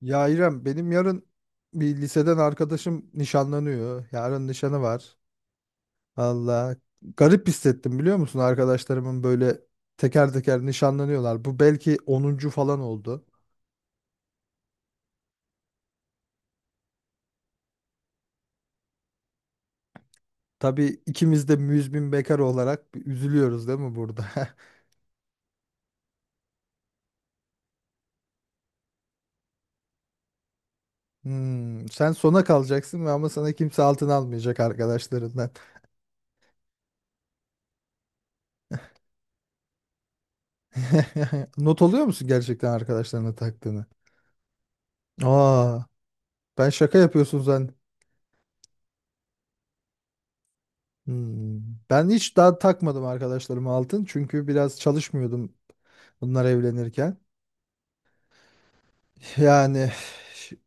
Ya İrem benim yarın bir liseden arkadaşım nişanlanıyor. Yarın nişanı var. Allah garip hissettim biliyor musun? Arkadaşlarımın böyle teker teker nişanlanıyorlar. Bu belki onuncu falan oldu. Tabii ikimiz de müzmin bekar olarak bir üzülüyoruz değil mi burada? Hmm, sen sona kalacaksın ve ama sana kimse altın almayacak arkadaşlarından. Not oluyor musun gerçekten arkadaşlarına taktığını? Aa, ben şaka yapıyorsun sen. Hmm. Ben hiç daha takmadım arkadaşlarıma altın çünkü biraz çalışmıyordum bunlar evlenirken. Yani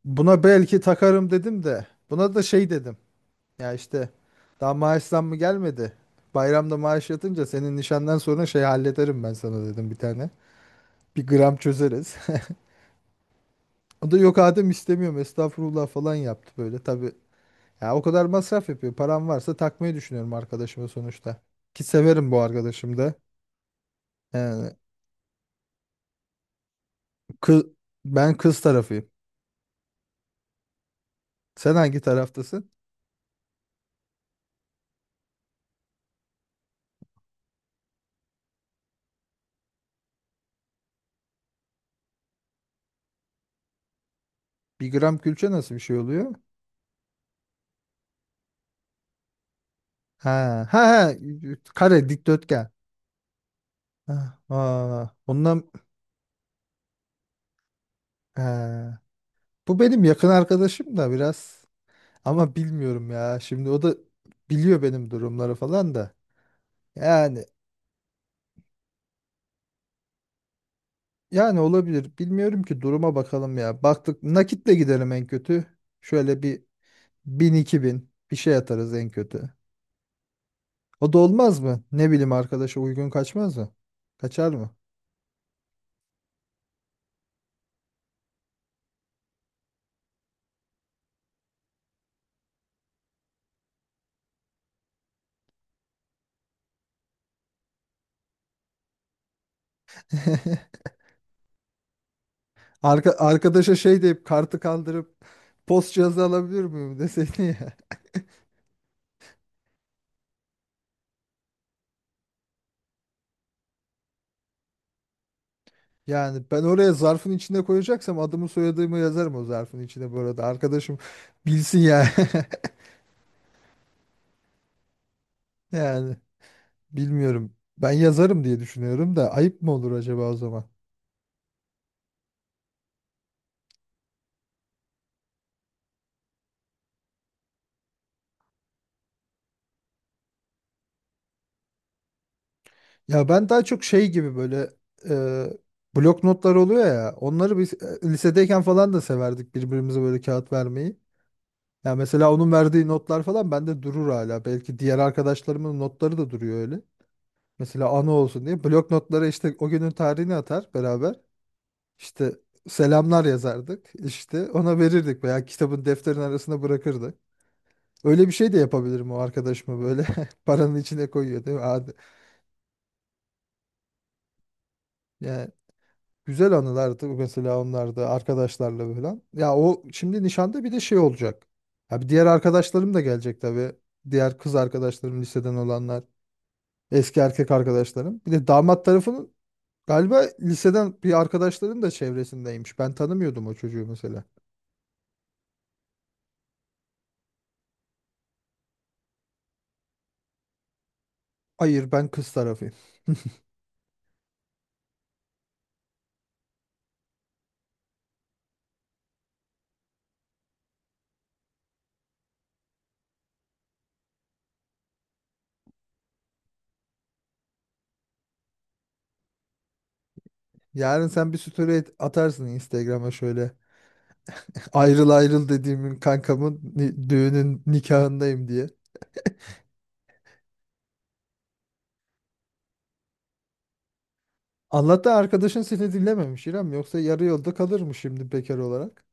buna belki takarım dedim de buna da şey dedim. Ya işte daha maaş zammı gelmedi. Bayramda maaş yatınca senin nişandan sonra şey hallederim ben sana dedim bir tane. Bir gram çözeriz. O da yok, Adem istemiyorum estağfurullah falan yaptı böyle tabii. Ya o kadar masraf yapıyor. Param varsa takmayı düşünüyorum arkadaşıma sonuçta. Ki severim bu arkadaşım da. Yani kız, ben kız tarafıyım. Sen hangi taraftasın? Bir gram külçe nasıl bir şey oluyor? Ha ha, ha, kare dikdörtgen. Ha, ha, ondan ha. Benim yakın arkadaşım da biraz ama bilmiyorum ya. Şimdi o da biliyor benim durumları falan da. Yani yani olabilir. Bilmiyorum ki, duruma bakalım ya. Baktık nakitle gidelim en kötü. Şöyle bir bin iki bin bir şey atarız en kötü. O da olmaz mı? Ne bileyim arkadaşa uygun kaçmaz mı? Kaçar mı? Arkadaşa şey deyip kartı kaldırıp post cihazı alabilir miyim deseydin ya. Yani ben oraya zarfın içine koyacaksam adımı soyadımı yazarım o zarfın içine bu arada. Arkadaşım bilsin ya. Yani bilmiyorum. Ben yazarım diye düşünüyorum da ayıp mı olur acaba o zaman? Ya ben daha çok şey gibi böyle blok notlar oluyor ya. Onları biz lisedeyken falan da severdik birbirimize böyle kağıt vermeyi. Ya mesela onun verdiği notlar falan bende durur hala. Belki diğer arkadaşlarımın notları da duruyor öyle. Mesela anı olsun diye blok notları işte o günün tarihini atar beraber. İşte selamlar yazardık. İşte ona verirdik veya kitabın defterin arasına bırakırdık. Öyle bir şey de yapabilirim o arkadaşıma böyle paranın içine koyuyor değil mi? Hadi. Yani güzel anılardı mesela onlar da arkadaşlarla falan. Ya o şimdi nişanda bir de şey olacak. Ya bir diğer arkadaşlarım da gelecek tabii. Diğer kız arkadaşlarım liseden olanlar. Eski erkek arkadaşlarım. Bir de damat tarafının galiba liseden bir arkadaşların da çevresindeymiş. Ben tanımıyordum o çocuğu mesela. Hayır, ben kız tarafıyım. Yarın sen bir story atarsın Instagram'a şöyle. Ayrıl ayrıl dediğimin kankamın düğünün nikahındayım diye. Allah'tan arkadaşın seni dinlememiş İrem. Yoksa yarı yolda kalırmış şimdi bekar olarak.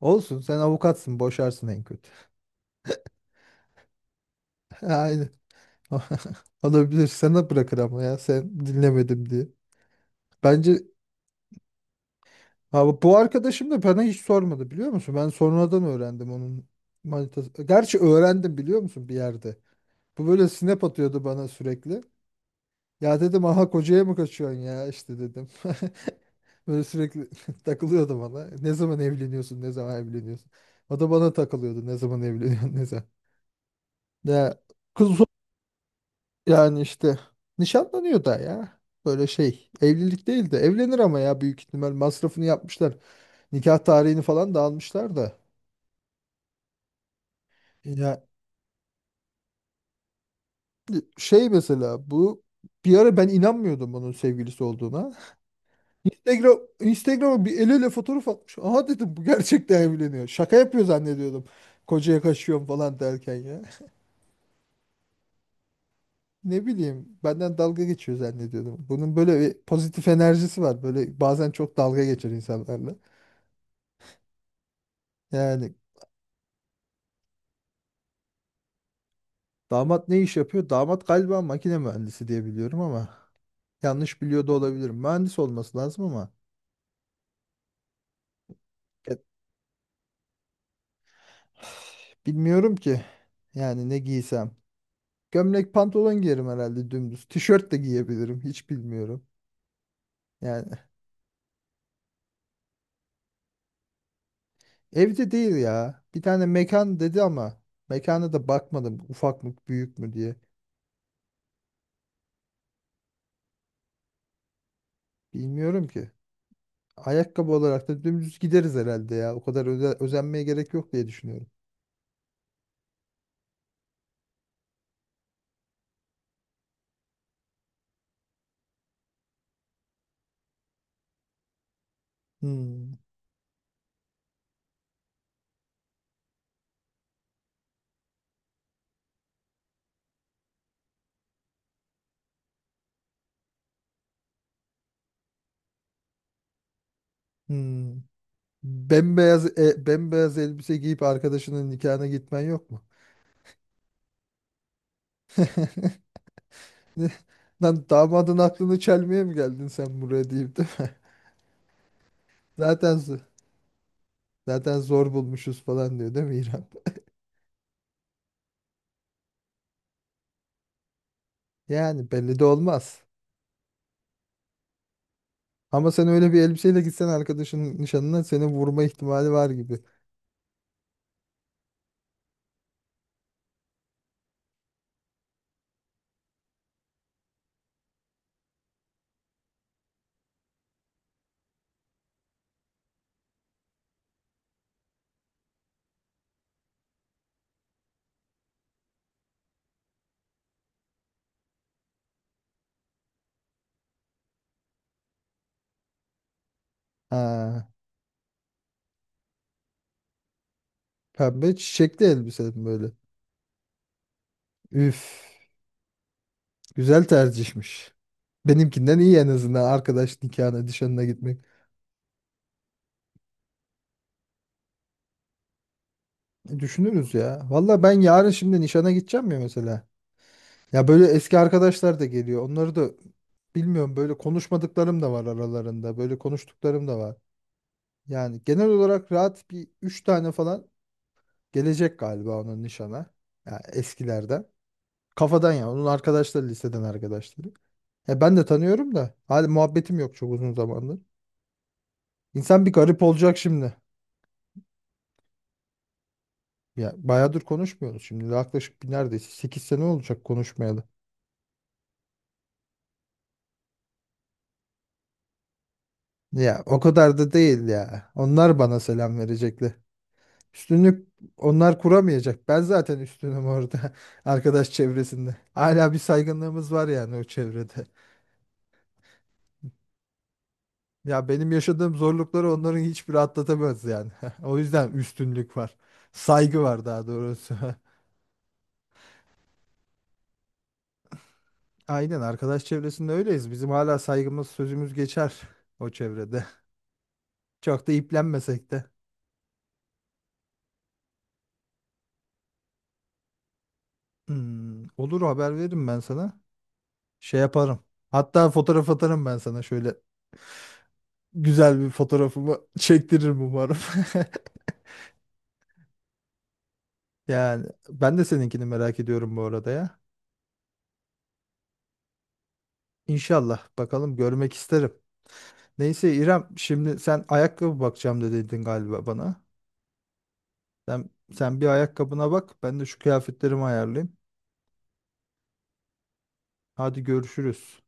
Olsun, sen avukatsın boşarsın en kötü. Aynen. Olabilir, sana bırakır ama ya sen dinlemedim diye. Bence ha, bu arkadaşım da bana hiç sormadı biliyor musun? Ben sonradan öğrendim onun manitası. Gerçi öğrendim biliyor musun bir yerde. Bu böyle snap atıyordu bana sürekli. Ya dedim aha kocaya mı kaçıyorsun ya işte dedim. Böyle sürekli takılıyordu bana. Ne zaman evleniyorsun? Ne zaman evleniyorsun? O da bana takılıyordu. Ne zaman evleniyorsun? Ne zaman? Ya kız, yani işte nişanlanıyor da ya. Böyle şey evlilik değil de evlenir ama ya büyük ihtimal masrafını yapmışlar. Nikah tarihini falan da almışlar da. Ya şey mesela bu bir ara ben inanmıyordum bunun sevgilisi olduğuna. Instagram'a bir el ele fotoğraf atmış. Aha dedim bu gerçekten evleniyor. Şaka yapıyor zannediyordum. Kocaya kaçıyorum falan derken ya. Ne bileyim benden dalga geçiyor zannediyordum. Bunun böyle bir pozitif enerjisi var. Böyle bazen çok dalga geçer insanlarla. Yani damat ne iş yapıyor? Damat galiba makine mühendisi diye biliyorum ama yanlış biliyor da olabilirim. Mühendis olması lazım ama. Bilmiyorum ki. Yani ne giysem. Gömlek pantolon giyerim herhalde dümdüz. Tişört de giyebilirim. Hiç bilmiyorum. Yani evde değil ya. Bir tane mekan dedi ama mekana da bakmadım. Ufak mı büyük mü diye. Bilmiyorum ki. Ayakkabı olarak da dümdüz gideriz herhalde ya. O kadar özenmeye gerek yok diye düşünüyorum. Hmm. Hmm. Bembeyaz bembeyaz elbise giyip arkadaşının nikahına gitmen yok mu? Ne- Lan damadın aklını çelmeye mi geldin sen buraya deyip de. Zaten zaten zor bulmuşuz falan diyor değil mi İrem? Yani belli de olmaz. Ama sen öyle bir elbiseyle gitsen arkadaşının nişanına seni vurma ihtimali var gibi. Ha, pembe çiçekli elbise böyle. Üf, güzel tercihmiş. Benimkinden iyi en azından arkadaş nikahına, nişanına gitmek. E, düşünürüz ya. Valla ben yarın şimdi nişana gideceğim ya mesela. Ya böyle eski arkadaşlar da geliyor. Onları da bilmiyorum, böyle konuşmadıklarım da var aralarında. Böyle konuştuklarım da var. Yani genel olarak rahat bir 3 tane falan gelecek galiba onun nişana. Yani eskilerden. Kafadan ya. Onun arkadaşları, liseden arkadaşları. Ya ben de tanıyorum da. Hadi muhabbetim yok çok uzun zamandır. İnsan bir garip olacak şimdi. Ya bayağıdır konuşmuyoruz şimdi. Yaklaşık bir neredeyse 8 sene olacak konuşmayalı. Ya o kadar da değil ya. Onlar bana selam verecekler. Üstünlük onlar kuramayacak. Ben zaten üstünüm orada. Arkadaş çevresinde. Hala bir saygınlığımız var yani o çevrede. Ya benim yaşadığım zorlukları onların hiçbiri atlatamaz yani. O yüzden üstünlük var. Saygı var daha doğrusu. Aynen arkadaş çevresinde öyleyiz. Bizim hala saygımız sözümüz geçer o çevrede. Çok da iplenmesek de. Hmm, olur haber veririm ben sana. Şey yaparım. Hatta fotoğraf atarım ben sana şöyle güzel bir fotoğrafımı çektiririm umarım. Yani ben de seninkini merak ediyorum bu arada ya. İnşallah bakalım, görmek isterim. Neyse İrem, şimdi sen ayakkabı bakacağım da dedin galiba bana. Sen bir ayakkabına bak, ben de şu kıyafetlerimi ayarlayayım. Hadi görüşürüz.